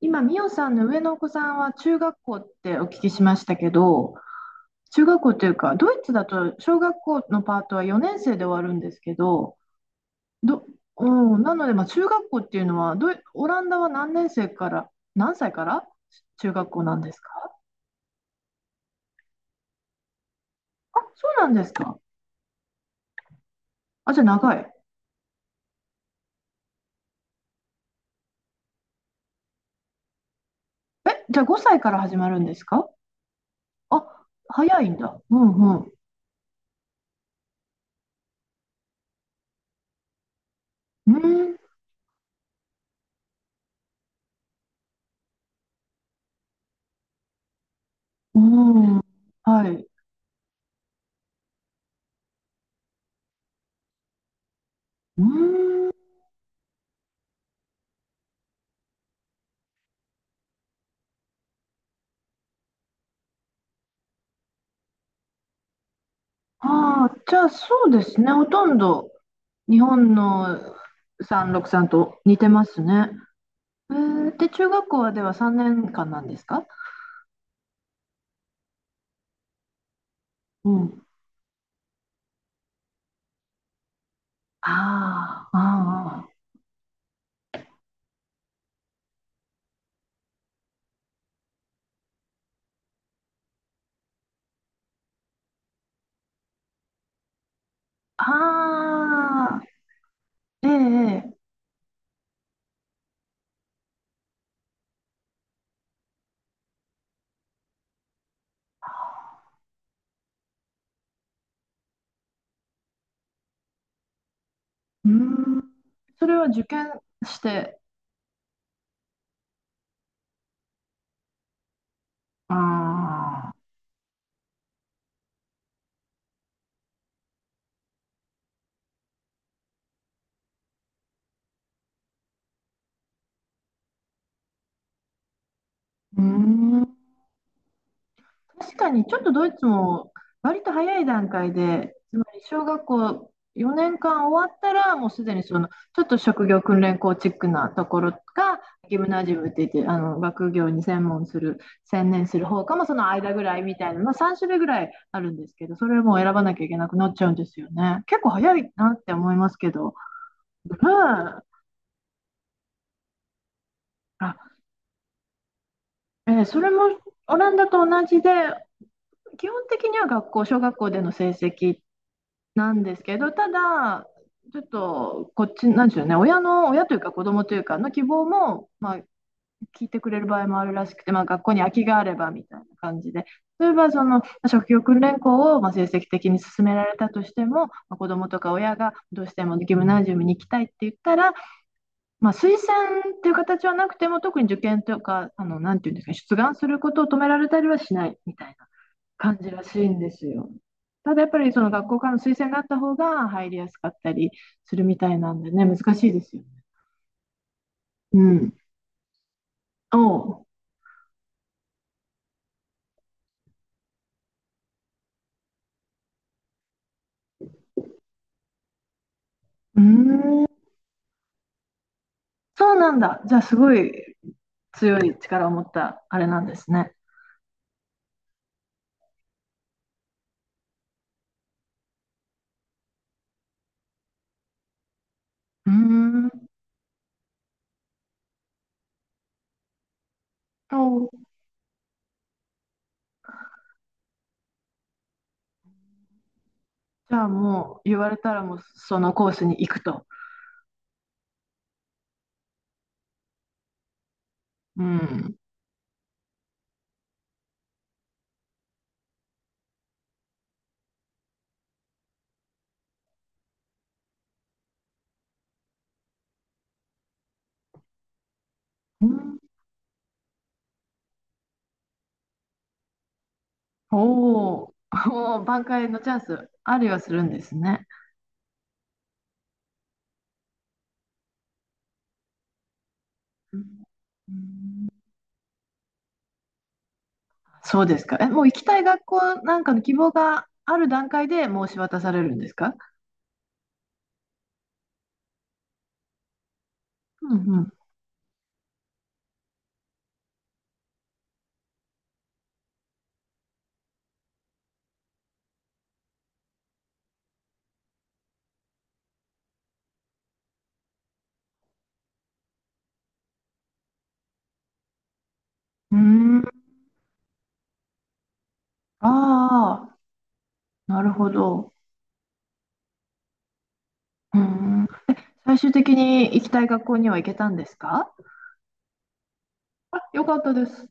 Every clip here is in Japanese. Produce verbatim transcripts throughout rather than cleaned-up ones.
今、ミオさんの上のお子さんは中学校ってお聞きしましたけど、中学校というか、ドイツだと小学校のパートはよねん生で終わるんですけど、ど、うん、なので、まあ、中学校っていうのはドイオランダは何年生から、何歳から中学校なんですか？そうなんですか？あ、じゃあ長い。え、じゃあごさいから始まるんですか？あ、早いんだ。うんうん。うん、うん、はい。うん、ああ、じゃあそうですね、ほとんど。日本のさんろくさんと似てますね。えー、で、中学校はではさんねんかんなんですか？うん。ああ、ああ、ああ、ええ、ええうーん、それは受験して、ああ、うーん。確かに、ちょっとドイツも割と早い段階で、つまり小学校よねんかん終わったら、もうすでにそのちょっと職業訓練校チックなところが、ギムナジウムって言って、あの学業に専門する、専念する方かも、その間ぐらいみたいな、まあ、さん種類ぐらいあるんですけど、それも選ばなきゃいけなくなっちゃうんですよね。結構早いなって思いますけど。うん、あ、えーそれもオランダと同じで、基本的には学校、小学校での成績なんですけど、ただ、ちょっとこっち、なんでしょうね、親の、親というか子供というかの希望も、まあ、聞いてくれる場合もあるらしくて、まあ、学校に空きがあればみたいな感じで、例えばそのまあ職業訓練校をまあ成績的に進められたとしても、まあ、子供とか親がどうしてもギムナジウムに行きたいって言ったら、まあ、推薦っていう形はなくても、特に受験とか、あの、なんていうんですかね、出願することを止められたりはしないみたいな。感じらしいんですよ。ただやっぱりその学校からの推薦があった方が入りやすかったりするみたいなんでね、難しいですよ。うん。おう。うーん。そうなんだ。じゃあすごい強い力を持ったあれなんですね。うーん。おう。じゃあもう言われたらもうそのコースに行くと。うん。うんおお。おお、挽回のチャンスありはするんですね。うんそうですか。え、もう行きたい学校なんかの希望がある段階で申し渡されるんですか？うんうん。うーん。ああ、なるほど。うーん。最終的に行きたい学校には行けたんですか？あ、よかったです。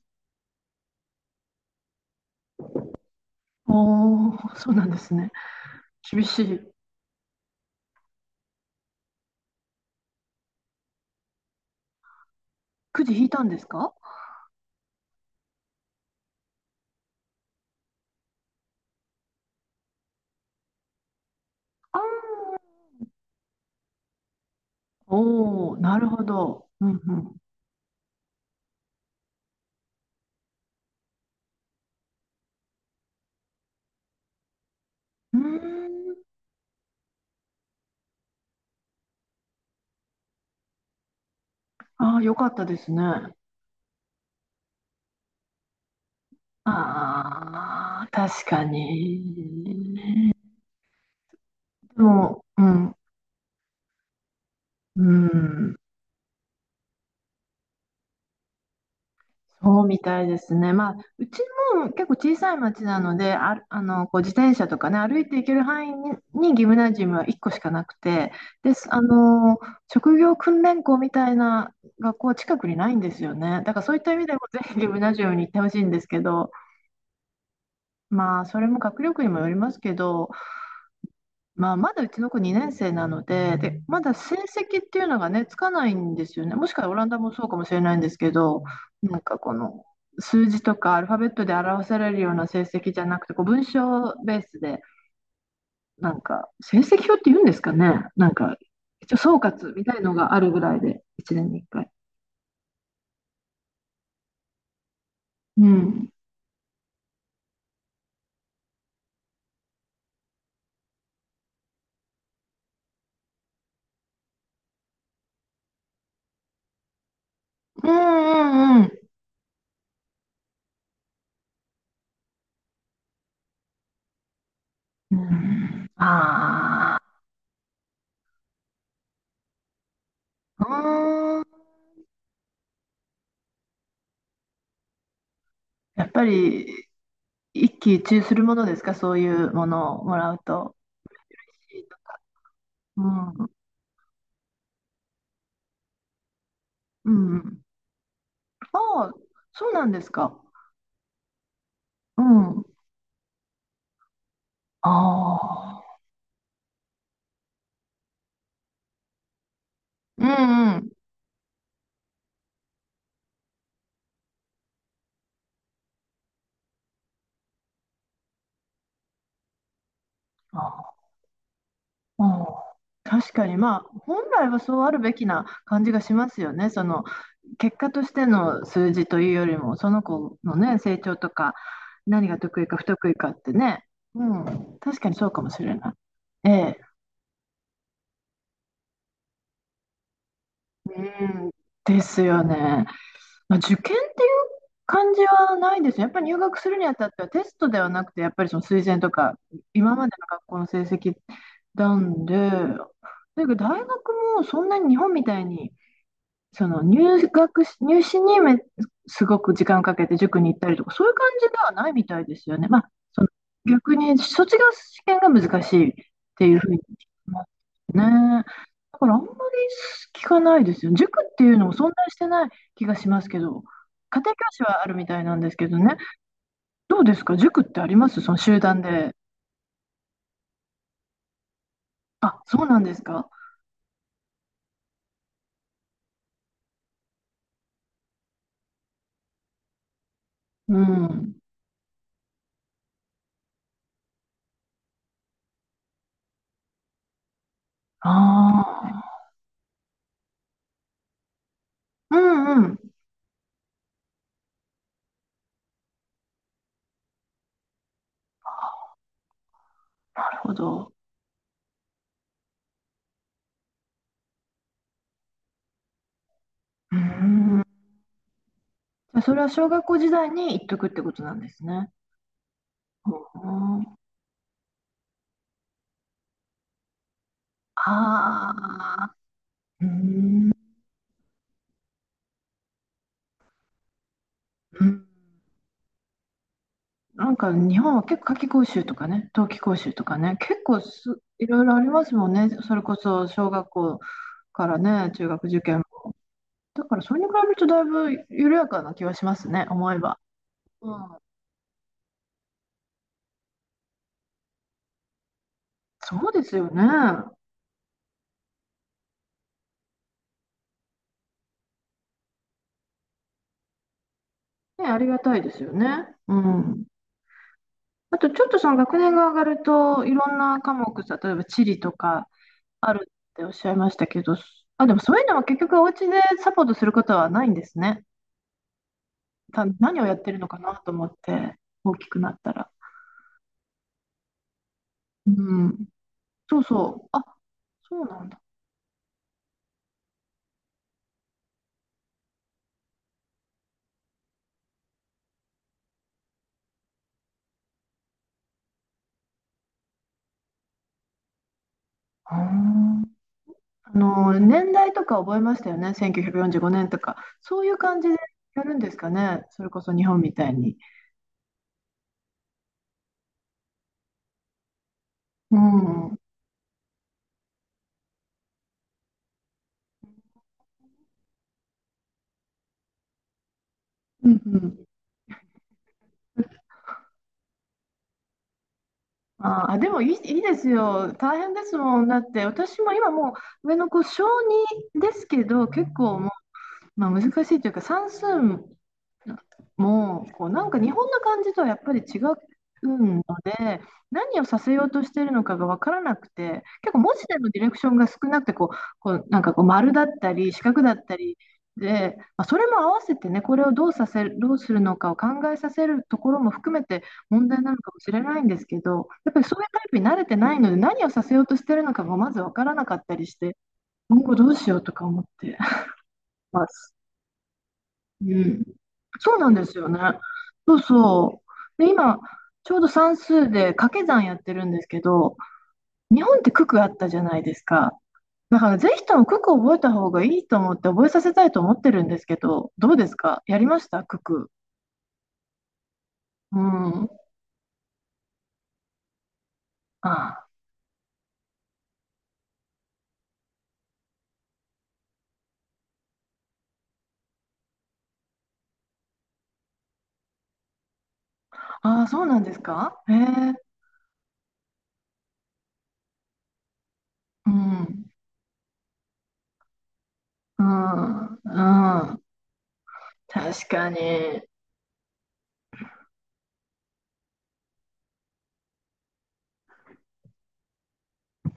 おー、そうなんですね。厳しい。くじ引いたんですか？あーおお、なるほど。うんうん。うーん。ああ、よかったですね。ああ、確かに。でも、うん、うん。そうみたいですね。まあ、うちも結構小さい町なので、ある、あの、こう自転車とかね、歩いて行ける範囲に、にギムナジウムはいっこしかなくて、です、あの、職業訓練校みたいな学校は近くにないんですよね。だからそういった意味でもぜひギムナジウムに行ってほしいんですけど、まあ、それも学力にもよりますけど、まあ、まだうちの子にねん生なので、で、まだ成績っていうのがね、つかないんですよね。もしかしたらオランダもそうかもしれないんですけど、なんかこの数字とかアルファベットで表されるような成績じゃなくて、こう文章ベースで、なんか成績表って言うんですかね。なんか一応総括みたいのがあるぐらいで、いちねんにいっかい。うん。うんうんうん。うんああ、うーん。やっぱり一喜一憂するものですか、そういうものをもらうと。うん、うんうん。ああ、そうなんですか。うん。ああ、うんうん。ああ、ああ確かに、まあ、本来はそうあるべきな感じがしますよね。その、結果としての数字というよりも、その子のね、成長とか、何が得意か不得意かってね。うん、確かにそうかもしれない。ええ、うん、ですよね。まあ、受験っていう感じはないですね。やっぱり入学するにあたってはテストではなくて、やっぱりその推薦とか、今までの学校の成績なんで、だけど大学もそんなに日本みたいにその入学し、入試にめすごく時間をかけて塾に行ったりとか、そういう感じではないみたいですよね。まあ、その逆に卒業試験が難しいっていうふうに聞きますね。だからあんまり聞かないですよ。塾っていうのも存在してない気がしますけど、家庭教師はあるみたいなんですけどね。どうですか塾ってありますその集団で。あ、そうなんですか。うん。ああ。うんうん。なるほど。うん。じゃあそれは小学校時代に言っとくってことなんですね。ああー、うん、うん、なんか日本は結構夏期講習とかね、冬季講習とかね、結構すいろいろありますもんね、それこそ小学校からね、中学受験。だからそれに比べるとだいぶ緩やかな気はしますね、思えば。うん、そうですよね。ね、ありがたいですよね。うん。あとちょっとその学年が上がると、いろんな科目、例えば地理とか、あるっておっしゃいましたけど、あ、でもそういうのは結局お家でサポートすることはないんですね。た、何をやってるのかなと思って、大きくなったら。うん、そうそう。あ、そうなんだ。あー、あの、年代とか覚えましたよね。せんきゅうひゃくよんじゅうごねんとか。そういう感じでやるんですかね。それこそ日本みたいに。うん。うんうん。ああでもいい、いいですよ。大変ですもん。だって、私も今もう上の子、小児ですけど、結構まあ、難しいというか算数もこうなんか日本の漢字とはやっぱり違うので何をさせようとしているのかが分からなくて結構文字でのディレクションが少なくてこうこうなんかこう丸だったり四角だったりで、まあ、それも合わせてねこれをどうさせる、どうするのかを考えさせるところも含めて問題なのかもしれないんですけどやっぱりそういうタイプに慣れてないので何をさせようとしてるのかがまず分からなかったりして今後どうしようとか思ってます。うん、そうなんですよね。そうそう。で、今、ちょうど算数で掛け算やってるんですけど、日本って九九あったじゃないですか。だから、ぜひとも九九覚えた方がいいと思って覚えさせたいと思ってるんですけど、どうですかやりました九九。うん。ああ、ああそうなんですかへえ。うん。うん。うん。確かに。